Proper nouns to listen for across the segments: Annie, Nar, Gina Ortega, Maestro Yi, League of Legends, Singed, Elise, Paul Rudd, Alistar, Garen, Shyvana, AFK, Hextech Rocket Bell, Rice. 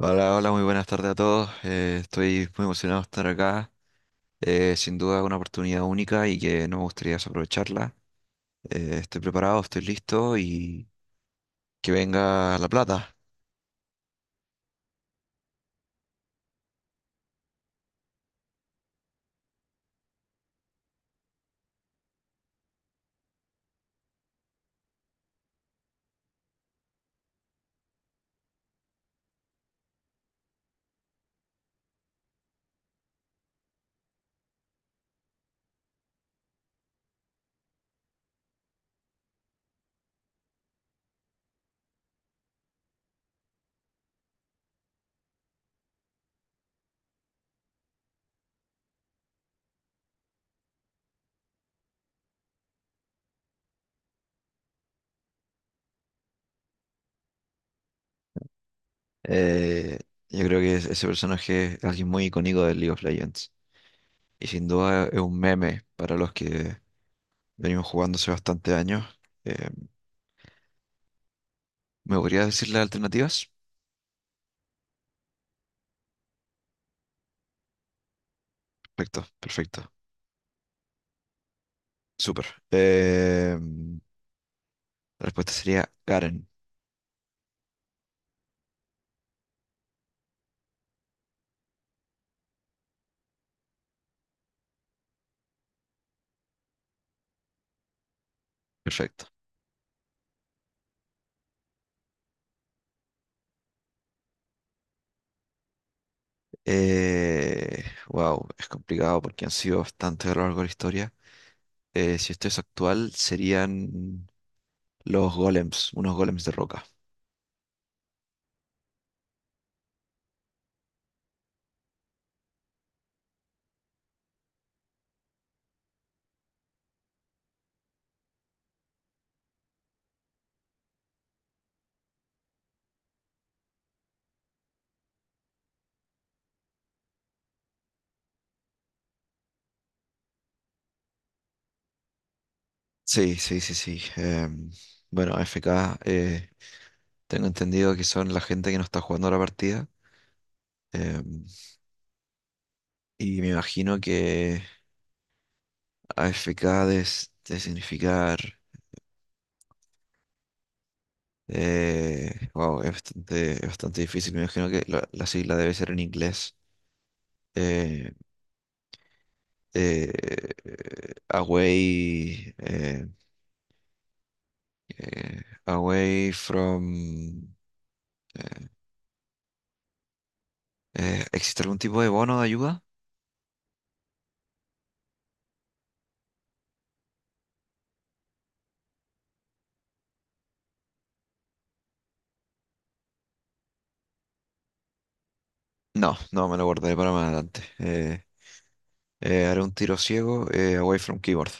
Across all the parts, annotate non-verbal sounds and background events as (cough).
Hola, hola, muy buenas tardes a todos. Estoy muy emocionado de estar acá. Sin duda una oportunidad única y que no me gustaría desaprovecharla. Estoy preparado, estoy listo y que venga la plata. Eh, yo creo que ese personaje es alguien muy icónico del League of Legends y sin duda es un meme para los que venimos jugando hace bastante años. Eh, ¿Me podrías decir las alternativas? Perfecto, perfecto, súper. Eh, la respuesta sería Garen. Perfecto. Wow, es complicado porque han sido bastante a lo largo de la historia. Si esto es actual, serían los golems, unos golems de roca. Sí, sí, sí, sí. Bueno, AFK, tengo entendido que son la gente que no está jugando la partida. em, y me imagino que AFK debe, debe significar... Wow, es bastante difícil. Me imagino que la sigla debe ser en inglés. Eh, away, away from... eh, ¿existe algún tipo de bono de ayuda? No, no, me lo guardaré para más adelante. Haré un tiro ciego, away from keyboard.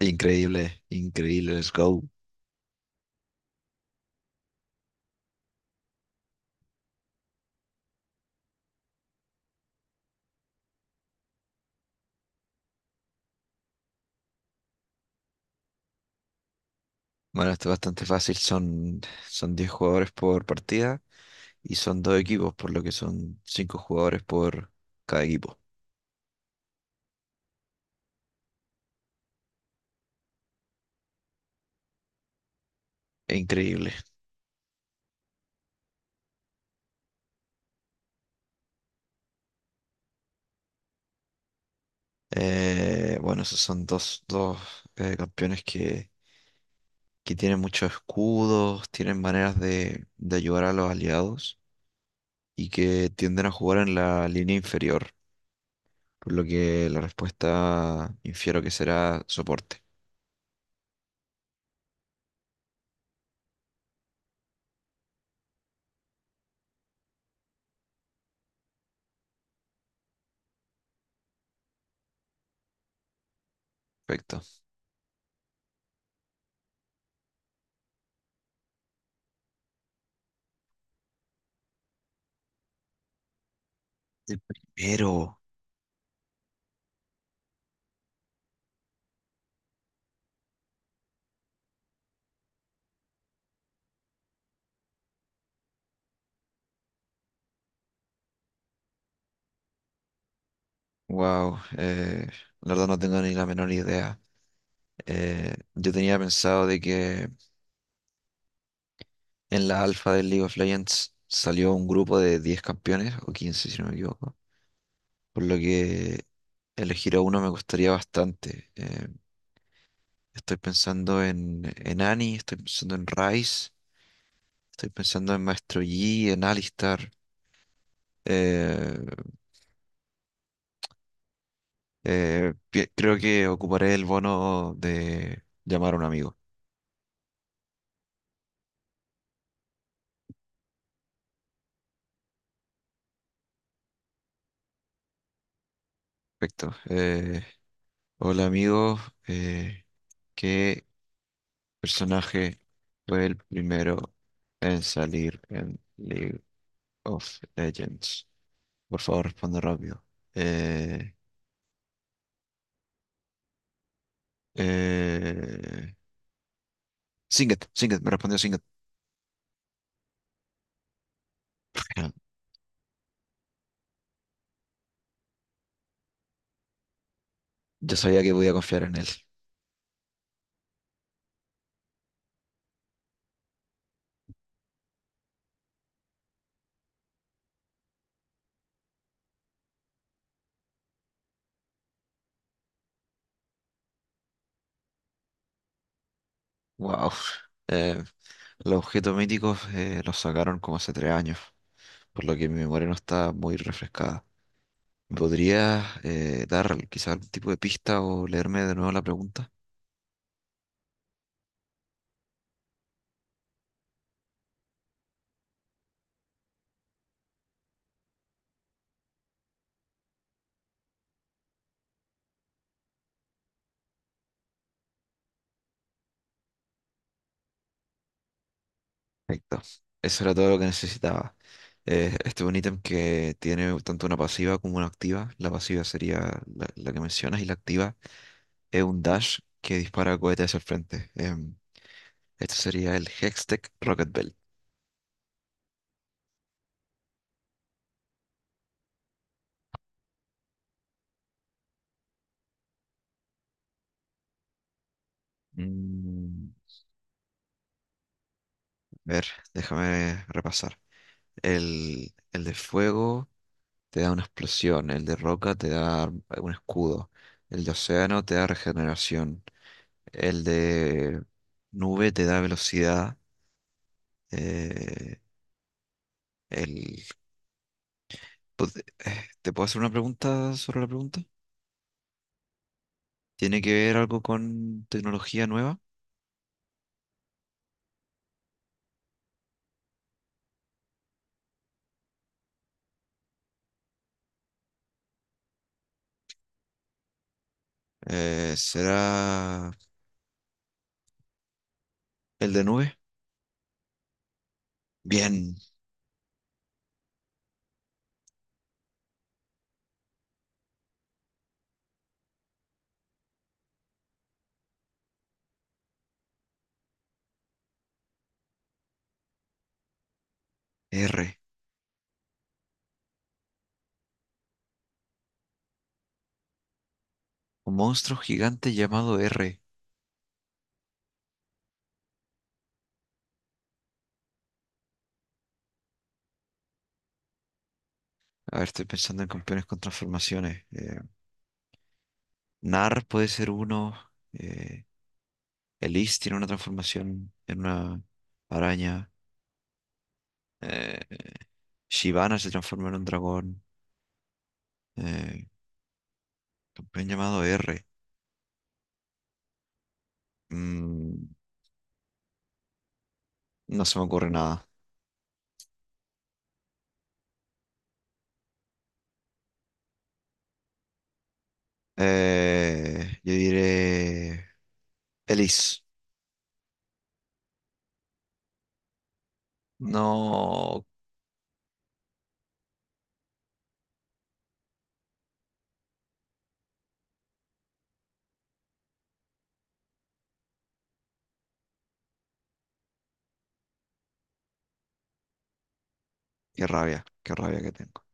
Increíble, increíble, let's go. Bueno, esto es bastante fácil, son 10 jugadores por partida y son dos equipos, por lo que son 5 jugadores por cada equipo. Increíble. Bueno, esos son dos campeones que tienen muchos escudos, tienen maneras de ayudar a los aliados y que tienden a jugar en la línea inferior, por lo que la respuesta infiero que será soporte. Perfecto. El primero. Wow, la verdad no tengo ni la menor idea. Yo tenía pensado de que en la alfa del League of Legends salió un grupo de 10 campeones, o 15 si no me equivoco, por lo que elegir a uno me costaría bastante. Estoy pensando en Annie, estoy pensando en Rice, estoy pensando en Maestro Yi, en Alistar. Eh, creo que ocuparé el bono de llamar a un amigo. Perfecto. Hola amigo, eh, ¿qué personaje fue el primero en salir en League of Legends? Por favor, responde rápido. Eh, eh, Singed, Singed, me respondió Singed. (laughs) ya sabía que podía confiar en él. Wow. Eh, los objetos míticos los sacaron como hace tres años, por lo que mi memoria no está muy refrescada. ¿Me podrías dar quizá algún tipo de pista o leerme de nuevo la pregunta? Perfecto. Eso era todo lo que necesitaba. Este es un ítem que tiene tanto una pasiva como una activa. La pasiva sería la que mencionas y la activa es un dash que dispara cohetes hacia el frente. Este sería el Hextech Rocket Bell. Mm, a ver, déjame repasar. El de fuego te da una explosión, el de roca te da un escudo, el de océano te da regeneración, el de nube te da velocidad. eh, el, pues, ¿te puedo hacer una pregunta sobre la pregunta? ¿Tiene que ver algo con tecnología nueva? ¿Será el de nube? Bien, R. Un monstruo gigante llamado R. A ver, estoy pensando en campeones con transformaciones. Nar puede ser uno. Eh, Elise tiene una transformación en una araña. eh, Shyvana se transforma en un dragón. Eh, campeón llamado R. Mm, no se me ocurre nada. Yo diré Elise. No, qué rabia que tengo.